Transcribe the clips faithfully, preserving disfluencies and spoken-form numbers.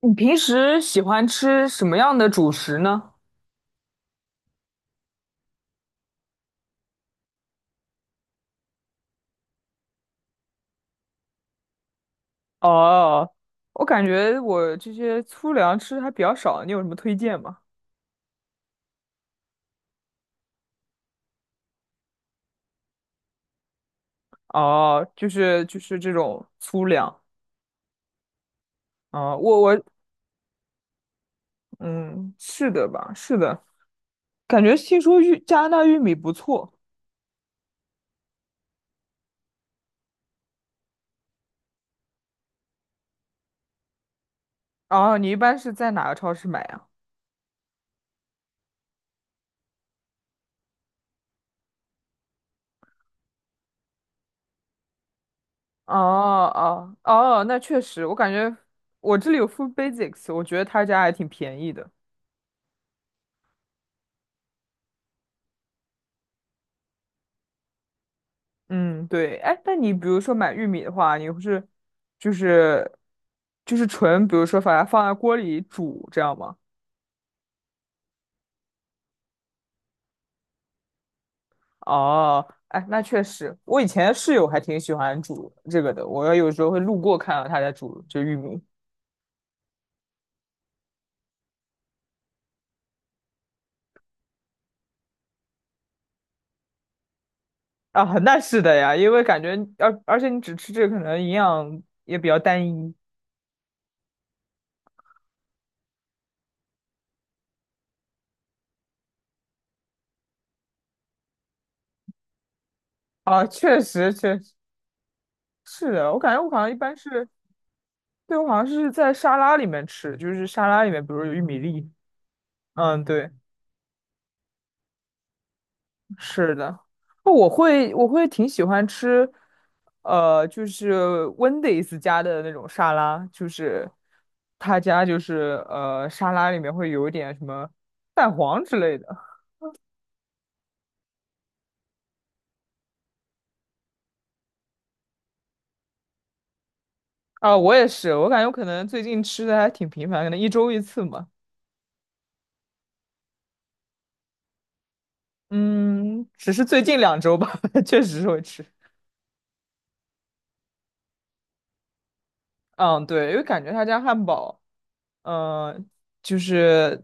你平时喜欢吃什么样的主食呢？哦，我感觉我这些粗粮吃的还比较少，你有什么推荐吗？哦，就是就是这种粗粮。啊、我我嗯，是的吧，是的。感觉听说玉加拿大玉米不错。哦，你一般是在哪个超市买呀？哦哦哦，那确实，我感觉我这里有 Food Basics,我觉得他家还挺便宜的。嗯，对，哎，那你比如说买玉米的话，你是就是就是纯，比如说把它放在锅里煮，这样吗？哦，哎，那确实，我以前室友还挺喜欢煮这个的，我有时候会路过看到他在煮这玉米。啊，那是的呀。因为感觉而而且你只吃这个，可能营养也比较单一。啊，确实确实是的。我感觉我好像一般是，对，我好像是在沙拉里面吃，就是沙拉里面，比如有玉米粒。嗯，对。是的，那我会我会挺喜欢吃，呃，就是 Wendy's 家的那种沙拉，就是他家就是呃沙拉里面会有一点什么蛋黄之类的。啊，我也是。我感觉我可能最近吃的还挺频繁，可能一周一次嘛。嗯，只是最近两周吧，确实是会吃。嗯，对，因为感觉他家汉堡，呃，就是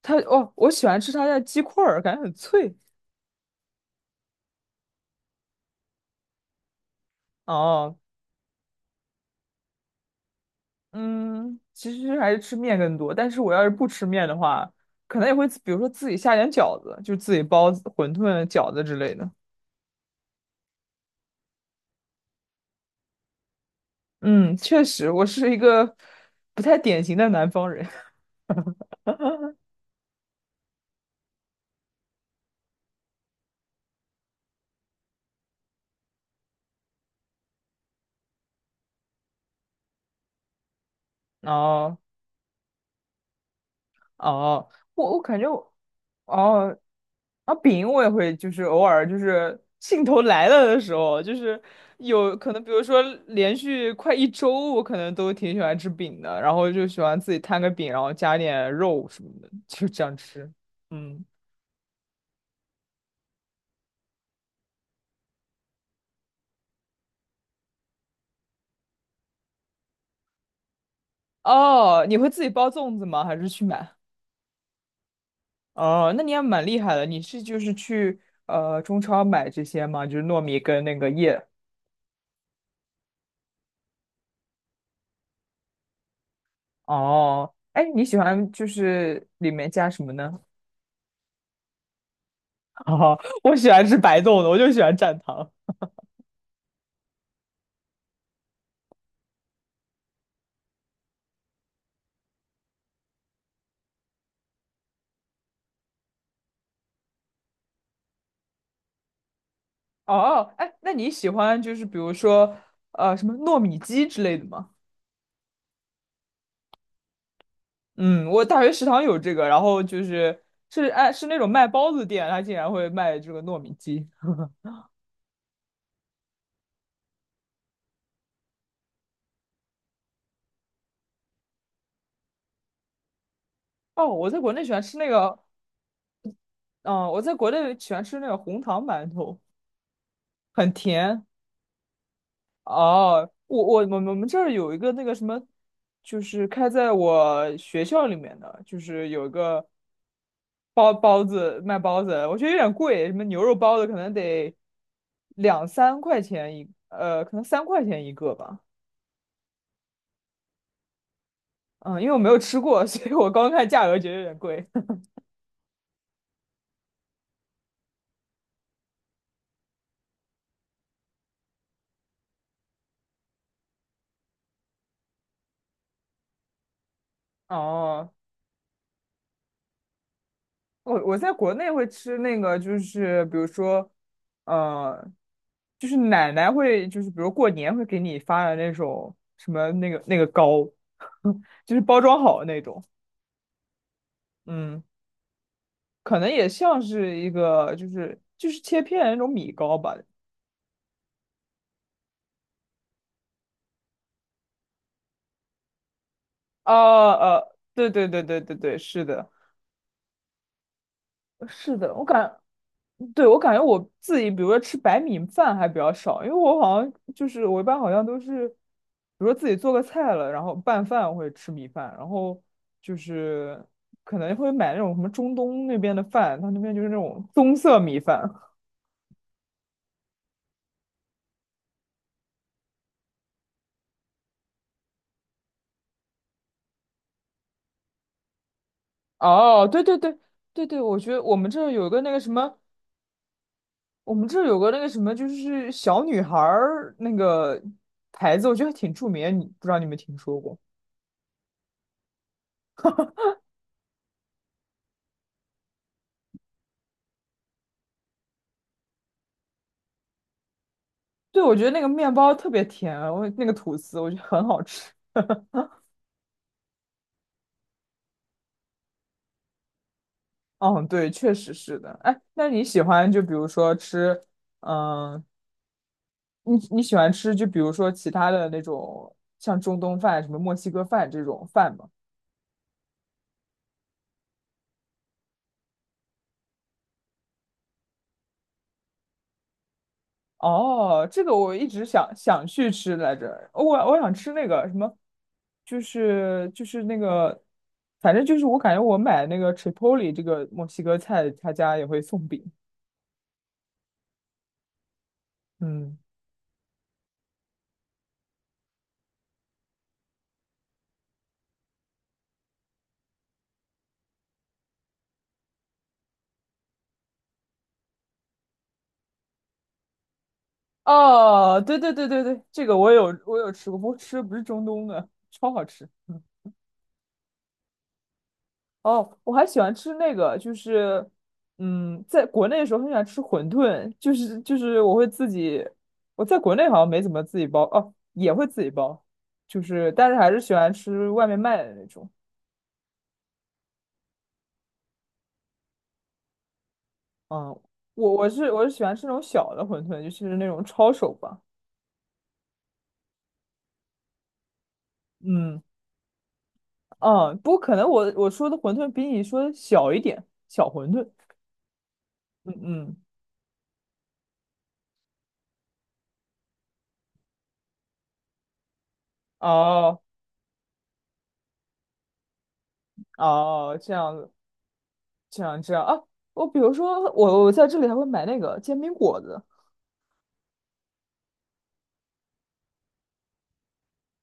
他哦，我喜欢吃他家鸡块儿，感觉很脆。哦，嗯，其实还是吃面更多。但是我要是不吃面的话，可能也会自比如说自己下点饺子，就自己包子馄饨、饺子之类的。嗯，确实，我是一个不太典型的南方人。哦哦，我我感觉我，哦，啊，饼我也会，就是偶尔就是兴头来了的时候，就是有可能，比如说连续快一周，我可能都挺喜欢吃饼的，然后就喜欢自己摊个饼，然后加点肉什么的，就这样吃。嗯，哦，你会自己包粽子吗？还是去买？哦，那你也蛮厉害的，你是就是去呃中超买这些吗？就是糯米跟那个叶。哦，哎，你喜欢就是里面加什么呢？哦，我喜欢吃白粽子，我就喜欢蘸糖。哦，哎，那你喜欢就是比如说呃什么糯米鸡之类的吗？嗯，我大学食堂有这个，然后就是是哎是那种卖包子店，它竟然会卖这个糯米鸡。哦，我在国内喜欢吃那个，嗯、我在国内喜欢吃那个红糖馒头，很甜。哦，我我我们我们这儿有一个那个什么，就是开在我学校里面的，就是有一个包包子卖包子。我觉得有点贵，什么牛肉包子可能得两三块钱一，呃，可能三块钱一个吧。嗯，因为我没有吃过，所以我刚看价格觉得有点贵。哦，我我在国内会吃那个，就是比如说，呃，就是奶奶会，就是比如过年会给你发的那种什么那个那个糕，就是包装好的那种。嗯，可能也像是一个就是就是切片的那种米糕吧。啊啊，对对对对对对，是的，是的，我感对，我感觉我自己，比如说吃白米饭还比较少，因为我好像就是我一般好像都是，比如说自己做个菜了，然后拌饭或者吃米饭，然后就是可能会买那种什么中东那边的饭，他那边就是那种棕色米饭。哦，对对对对对，我觉得我们这儿有个那个什么，我们这儿有个那个什么，就是小女孩儿那个牌子，我觉得挺著名的，你不知道你有没有听说过？对，我觉得那个面包特别甜，我那个吐司我觉得很好吃。哦，对，确实是的。哎，那你喜欢就比如说吃，嗯，你你喜欢吃就比如说其他的那种像中东饭、什么墨西哥饭这种饭吗？哦，这个我一直想想去吃来着，我我想吃那个什么，就是就是那个，反正就是我感觉我买那个 Chipotle 这个墨西哥菜，他家也会送饼。嗯，哦，对对对对对，这个我有我有吃过，不过吃的不是中东的，超好吃。嗯哦，我还喜欢吃那个，就是，嗯，在国内的时候很喜欢吃馄饨，就是就是我会自己，我在国内好像没怎么自己包，哦，也会自己包，就是但是还是喜欢吃外面卖的那种。嗯，我我是我是喜欢吃那种小的馄饨，就是那种抄手吧。嗯嗯，不过可能我我说的馄饨比你说的小一点，小馄饨。嗯嗯，哦哦，这样子。这样这样啊，我比如说我我在这里还会买那个煎饼果子，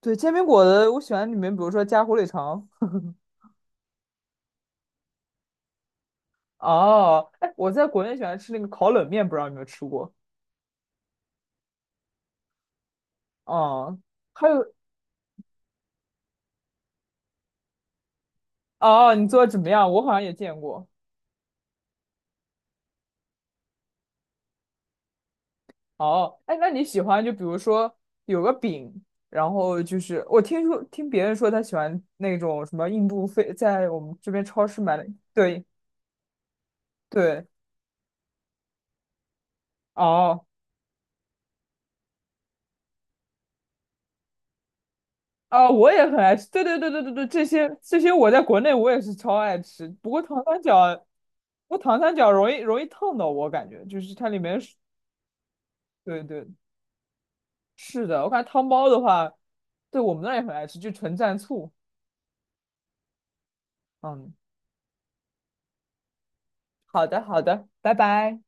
对，煎饼果子我喜欢里面，比如说加火腿肠。哦，哎，我在国内喜欢吃那个烤冷面，不知道你有没有吃过？哦，还有哦，你做的怎么样？我好像也见过。哦，哎，那你喜欢就比如说有个饼，然后就是我听说听别人说他喜欢那种什么印度飞，在我们这边超市买的，对对，哦。啊、我也很爱吃。对对对对对对，这些这些我在国内我也是超爱吃。不过糖三角，不过糖三角容易容易烫到我，感觉就是它里面是，对对，是的。我感觉汤包的话，对我们那儿也很爱吃，就纯蘸醋。嗯，好的好的，拜拜。